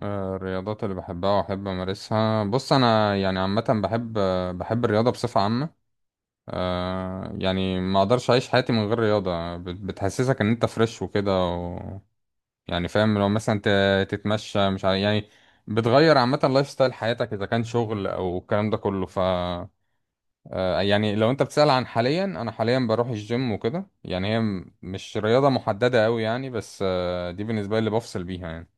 الرياضات اللي بحبها وأحب أمارسها. بص، أنا يعني عامة بحب، بحب الرياضة بصفة عامة. يعني ما أقدرش أعيش حياتي من غير رياضة، بتحسسك إن أنت فريش وكده. يعني فاهم، لو مثلا تتمشى، مش عارف يعني. بتغير عامة لايف ستايل حياتك، إذا كان شغل أو الكلام ده كله. يعني لو أنت بتسأل عن حاليا، أنا حاليا بروح الجيم وكده. يعني هي مش رياضة محددة أوي يعني، بس دي بالنسبة لي اللي بفصل بيها يعني.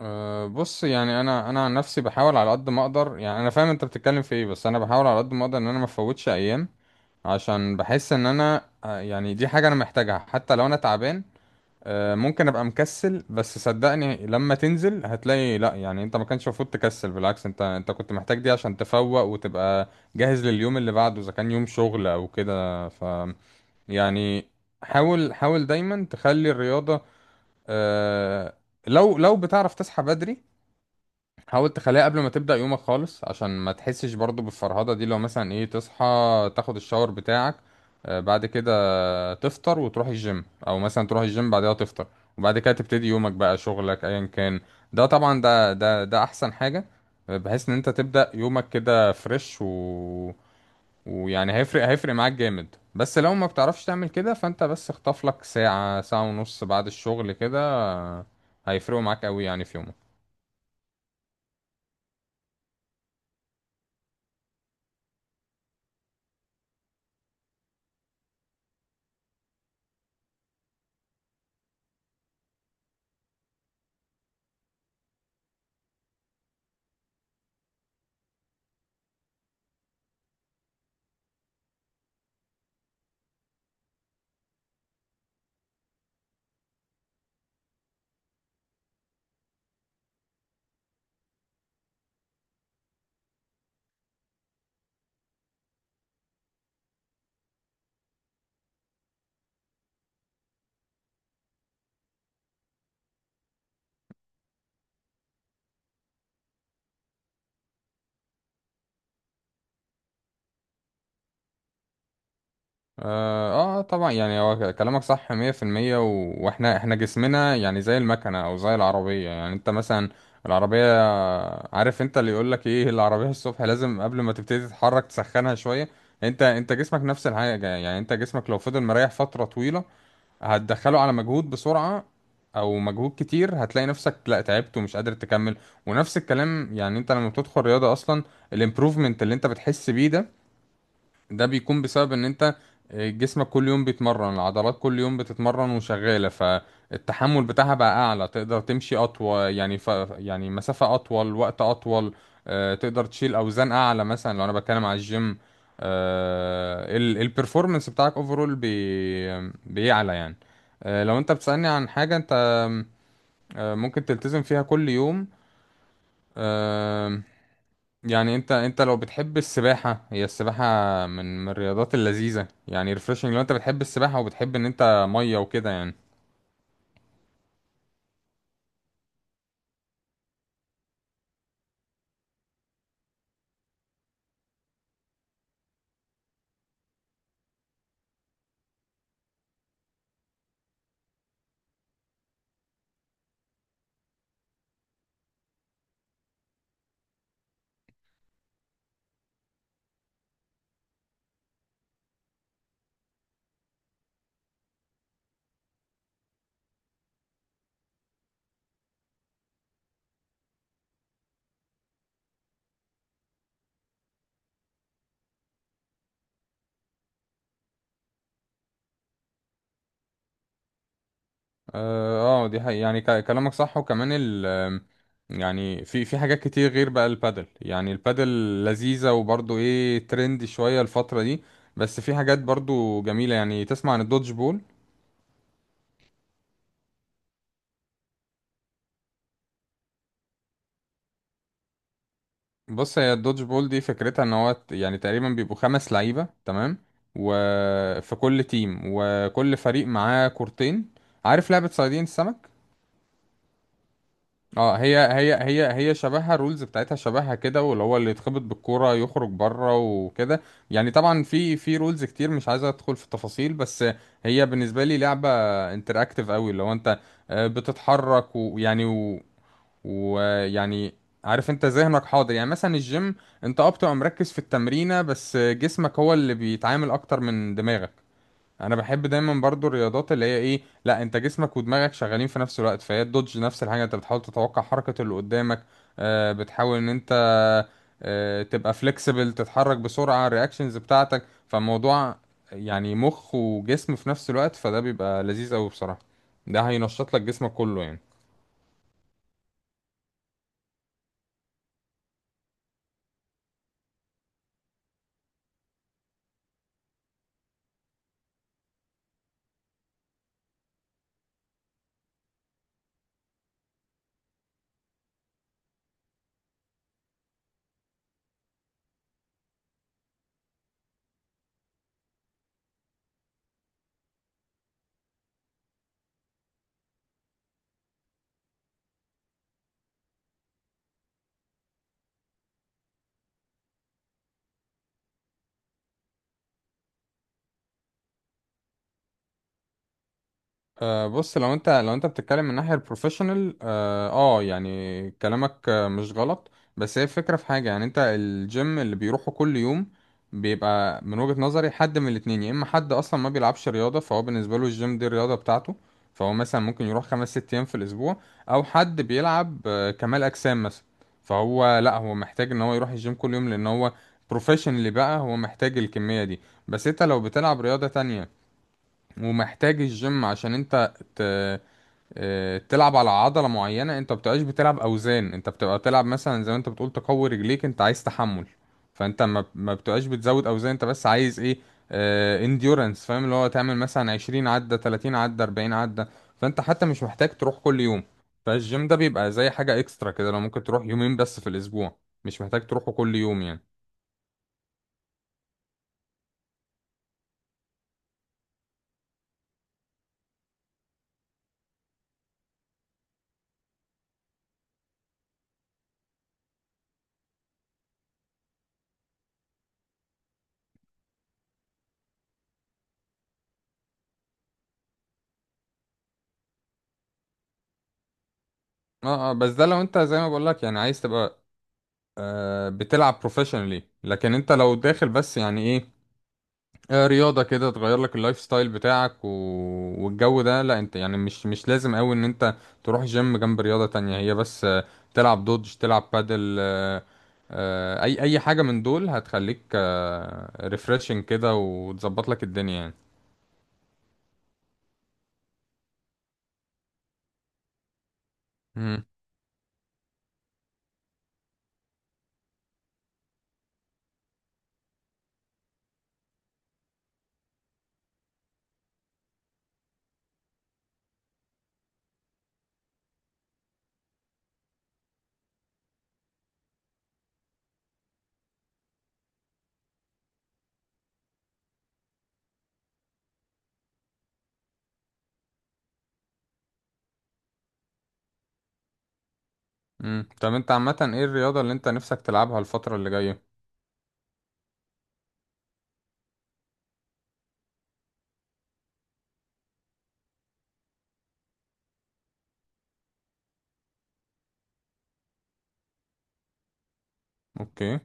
بص، يعني انا عن نفسي بحاول على قد ما اقدر. يعني انا فاهم انت بتتكلم في ايه، بس انا بحاول على قد ما اقدر ان انا ما افوتش ايام، عشان بحس ان انا، يعني دي حاجه انا محتاجها حتى لو انا تعبان. ممكن ابقى مكسل، بس صدقني لما تنزل هتلاقي لا. يعني انت ما كانش المفروض تكسل، بالعكس انت كنت محتاج دي عشان تفوق وتبقى جاهز لليوم اللي بعده، اذا كان يوم شغل او كده. يعني، حاول حاول دايما تخلي الرياضه. أه لو بتعرف تصحى بدري، حاول تخليها قبل ما تبدأ يومك خالص، عشان ما تحسش برضو بالفرهدة دي. لو مثلا ايه، تصحى، تاخد الشاور بتاعك، بعد كده تفطر وتروح الجيم، او مثلا تروح الجيم بعدها تفطر. وبعد كده تبتدي يومك بقى، شغلك ايا كان. ده طبعا ده احسن حاجة. بحيث ان انت تبدأ يومك كده فريش. ويعني هيفرق معاك جامد. بس لو ما بتعرفش تعمل كده، فانت بس اخطف لك ساعة ساعة ونص بعد الشغل كده، هيفرقوا معاك قوي يعني في يومك. طبعا يعني هو كلامك صح 100%. واحنا جسمنا يعني زي المكنة او زي العربية. يعني انت مثلا العربية، عارف انت اللي يقول لك ايه، العربية الصبح لازم قبل ما تبتدي تتحرك تسخنها شوية. انت جسمك نفس الحاجة. يعني انت جسمك لو فضل مريح فترة طويلة، هتدخله على مجهود بسرعة او مجهود كتير، هتلاقي نفسك لا، تعبت ومش قادر تكمل. ونفس الكلام، يعني انت لما بتدخل رياضة اصلا، الامبروفمنت اللي انت بتحس بيه ده، ده بيكون بسبب ان انت جسمك كل يوم بيتمرن. العضلات كل يوم بتتمرن وشغالة، فالتحمل بتاعها بقى اعلى، تقدر تمشي اطول يعني. يعني مسافة اطول، وقت اطول. تقدر تشيل اوزان اعلى مثلا لو انا بتكلم على الجيم. البرفورمانس بتاعك اوفرول بيعلى يعني. لو انت بتسألني عن حاجة انت ممكن تلتزم فيها كل يوم. يعني انت لو بتحب السباحة، هي السباحة من الرياضات اللذيذة يعني، ريفرشنج. لو انت بتحب السباحة وبتحب ان انت مية وكده يعني. اه، دي حقيقة يعني، كلامك صح. وكمان ال آم، يعني في حاجات كتير غير بقى البادل. يعني البادل لذيذة وبرضو ايه، ترند شوية الفترة دي. بس في حاجات برضو جميلة، يعني تسمع عن الدودج بول؟ بص، هي الدودج بول دي فكرتها ان هو، يعني تقريبا بيبقوا خمس لعيبة، تمام، وفي كل تيم وكل فريق معاه كورتين. عارف لعبة صيادين السمك؟ اه هي شبهها. الرولز بتاعتها شبهها كده، واللي هو اللي يتخبط بالكورة يخرج بره وكده. يعني طبعا في رولز كتير، مش عايز ادخل في التفاصيل. بس هي بالنسبة لي لعبة انتراكتيف قوي. اللي هو انت بتتحرك. ويعني عارف انت ذهنك حاضر. يعني مثلا الجيم، انت بتبقى مركز في التمرينة، بس جسمك هو اللي بيتعامل اكتر من دماغك. انا بحب دايما برضو الرياضات اللي هي ايه، لا انت جسمك ودماغك شغالين في نفس الوقت. فهي الدوج نفس الحاجة، انت بتحاول تتوقع حركة اللي قدامك. بتحاول ان انت تبقى فليكسبل، تتحرك بسرعة، الرياكشنز بتاعتك. فالموضوع يعني مخ وجسم في نفس الوقت، فده بيبقى لذيذ قوي بصراحة. ده هينشط لك جسمك كله يعني. بص، لو انت بتتكلم من ناحية البروفيشنال، يعني كلامك مش غلط. بس هي الفكرة في حاجة، يعني انت الجيم اللي بيروحه كل يوم بيبقى من وجهة نظري حد من الاتنين. يا اما حد اصلا ما بيلعبش رياضة، فهو بالنسبة له الجيم دي الرياضة بتاعته، فهو مثلا ممكن يروح خمس ست ايام في الاسبوع، او حد بيلعب كمال اجسام مثلا، فهو لا، هو محتاج ان هو يروح الجيم كل يوم لان هو بروفيشنال بقى، هو محتاج الكمية دي. بس انت لو بتلعب رياضة تانية ومحتاج الجيم عشان انت، تلعب على عضلة معينة، انت بتبقاش بتلعب اوزان، انت بتبقى بتلعب مثلا زي ما انت بتقول تقوي رجليك، انت عايز تحمل. فانت ما بتبقاش بتزود اوزان، انت بس عايز ايه؟ انديورنس. فاهم اللي هو تعمل مثلا 20 عدة، 30 عدة، 40 عدة، فانت حتى مش محتاج تروح كل يوم. فالجيم ده بيبقى زي حاجة اكسترا كده، لو ممكن تروح يومين بس في الاسبوع، مش محتاج تروحه كل يوم يعني. اه بس ده لو انت زي ما بقول لك، يعني عايز تبقى بتلعب بروفيشنالي. لكن انت لو داخل بس يعني ايه، رياضة كده تغير لك اللايف ستايل بتاعك، والجو ده، لا انت يعني مش لازم قوي ان انت تروح جيم جنب رياضة تانية. هي بس، تلعب دودج، تلعب بادل، اي حاجة من دول هتخليك ريفريشنج كده، وتظبط لك الدنيا يعني. امم طب انت عامة، ايه الرياضة اللي انت نفسك تلعبها الفترة اللي جاية؟ اوكي.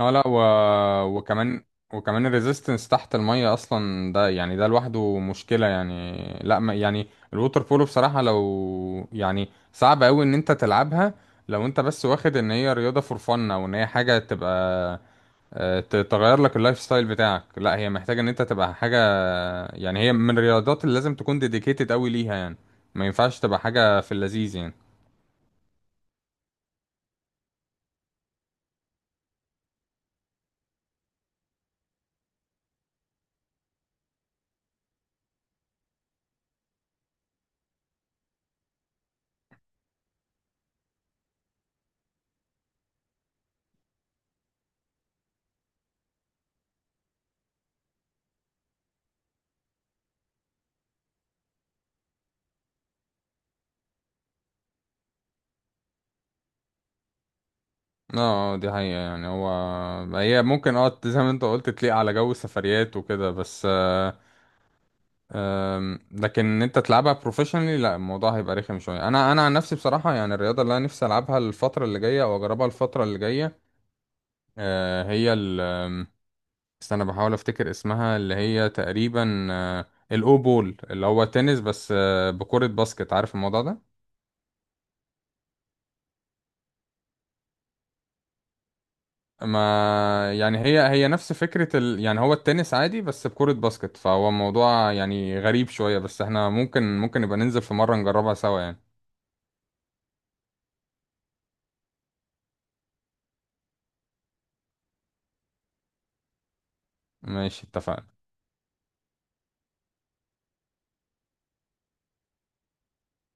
اه لا، وكمان وكمان الريزيستنس تحت المية اصلا ده، يعني ده لوحده مشكلة. يعني لا ما يعني الووتر بولو بصراحة، لو يعني صعب قوي ان انت تلعبها لو انت بس واخد ان هي رياضة فور فن، او ان هي حاجة تبقى تغير لك اللايف ستايل بتاعك. لا هي محتاجة ان انت تبقى حاجة، يعني هي من الرياضات اللي لازم تكون ديديكيتد قوي ليها يعني. ما ينفعش تبقى حاجة في اللذيذ يعني. اه دي حقيقة يعني. هو هي ممكن زي ما انت قلت تليق على جو السفريات وكده، بس. لكن ان انت تلعبها بروفيشنالي لا، الموضوع هيبقى رخم شوية. انا عن نفسي بصراحة، يعني الرياضة اللي انا نفسي العبها الفترة اللي جاية، او اجربها الفترة اللي جاية هي ال استنى، بحاول افتكر اسمها اللي هي تقريبا الاو بول، اللي هو تنس بس بكرة باسكت. عارف الموضوع ده؟ ما يعني هي نفس فكرة يعني هو التنس عادي بس بكرة باسكت، فهو موضوع يعني غريب شوية. بس احنا ممكن نبقى ننزل في مرة نجربها سوا يعني. ماشي اتفقنا.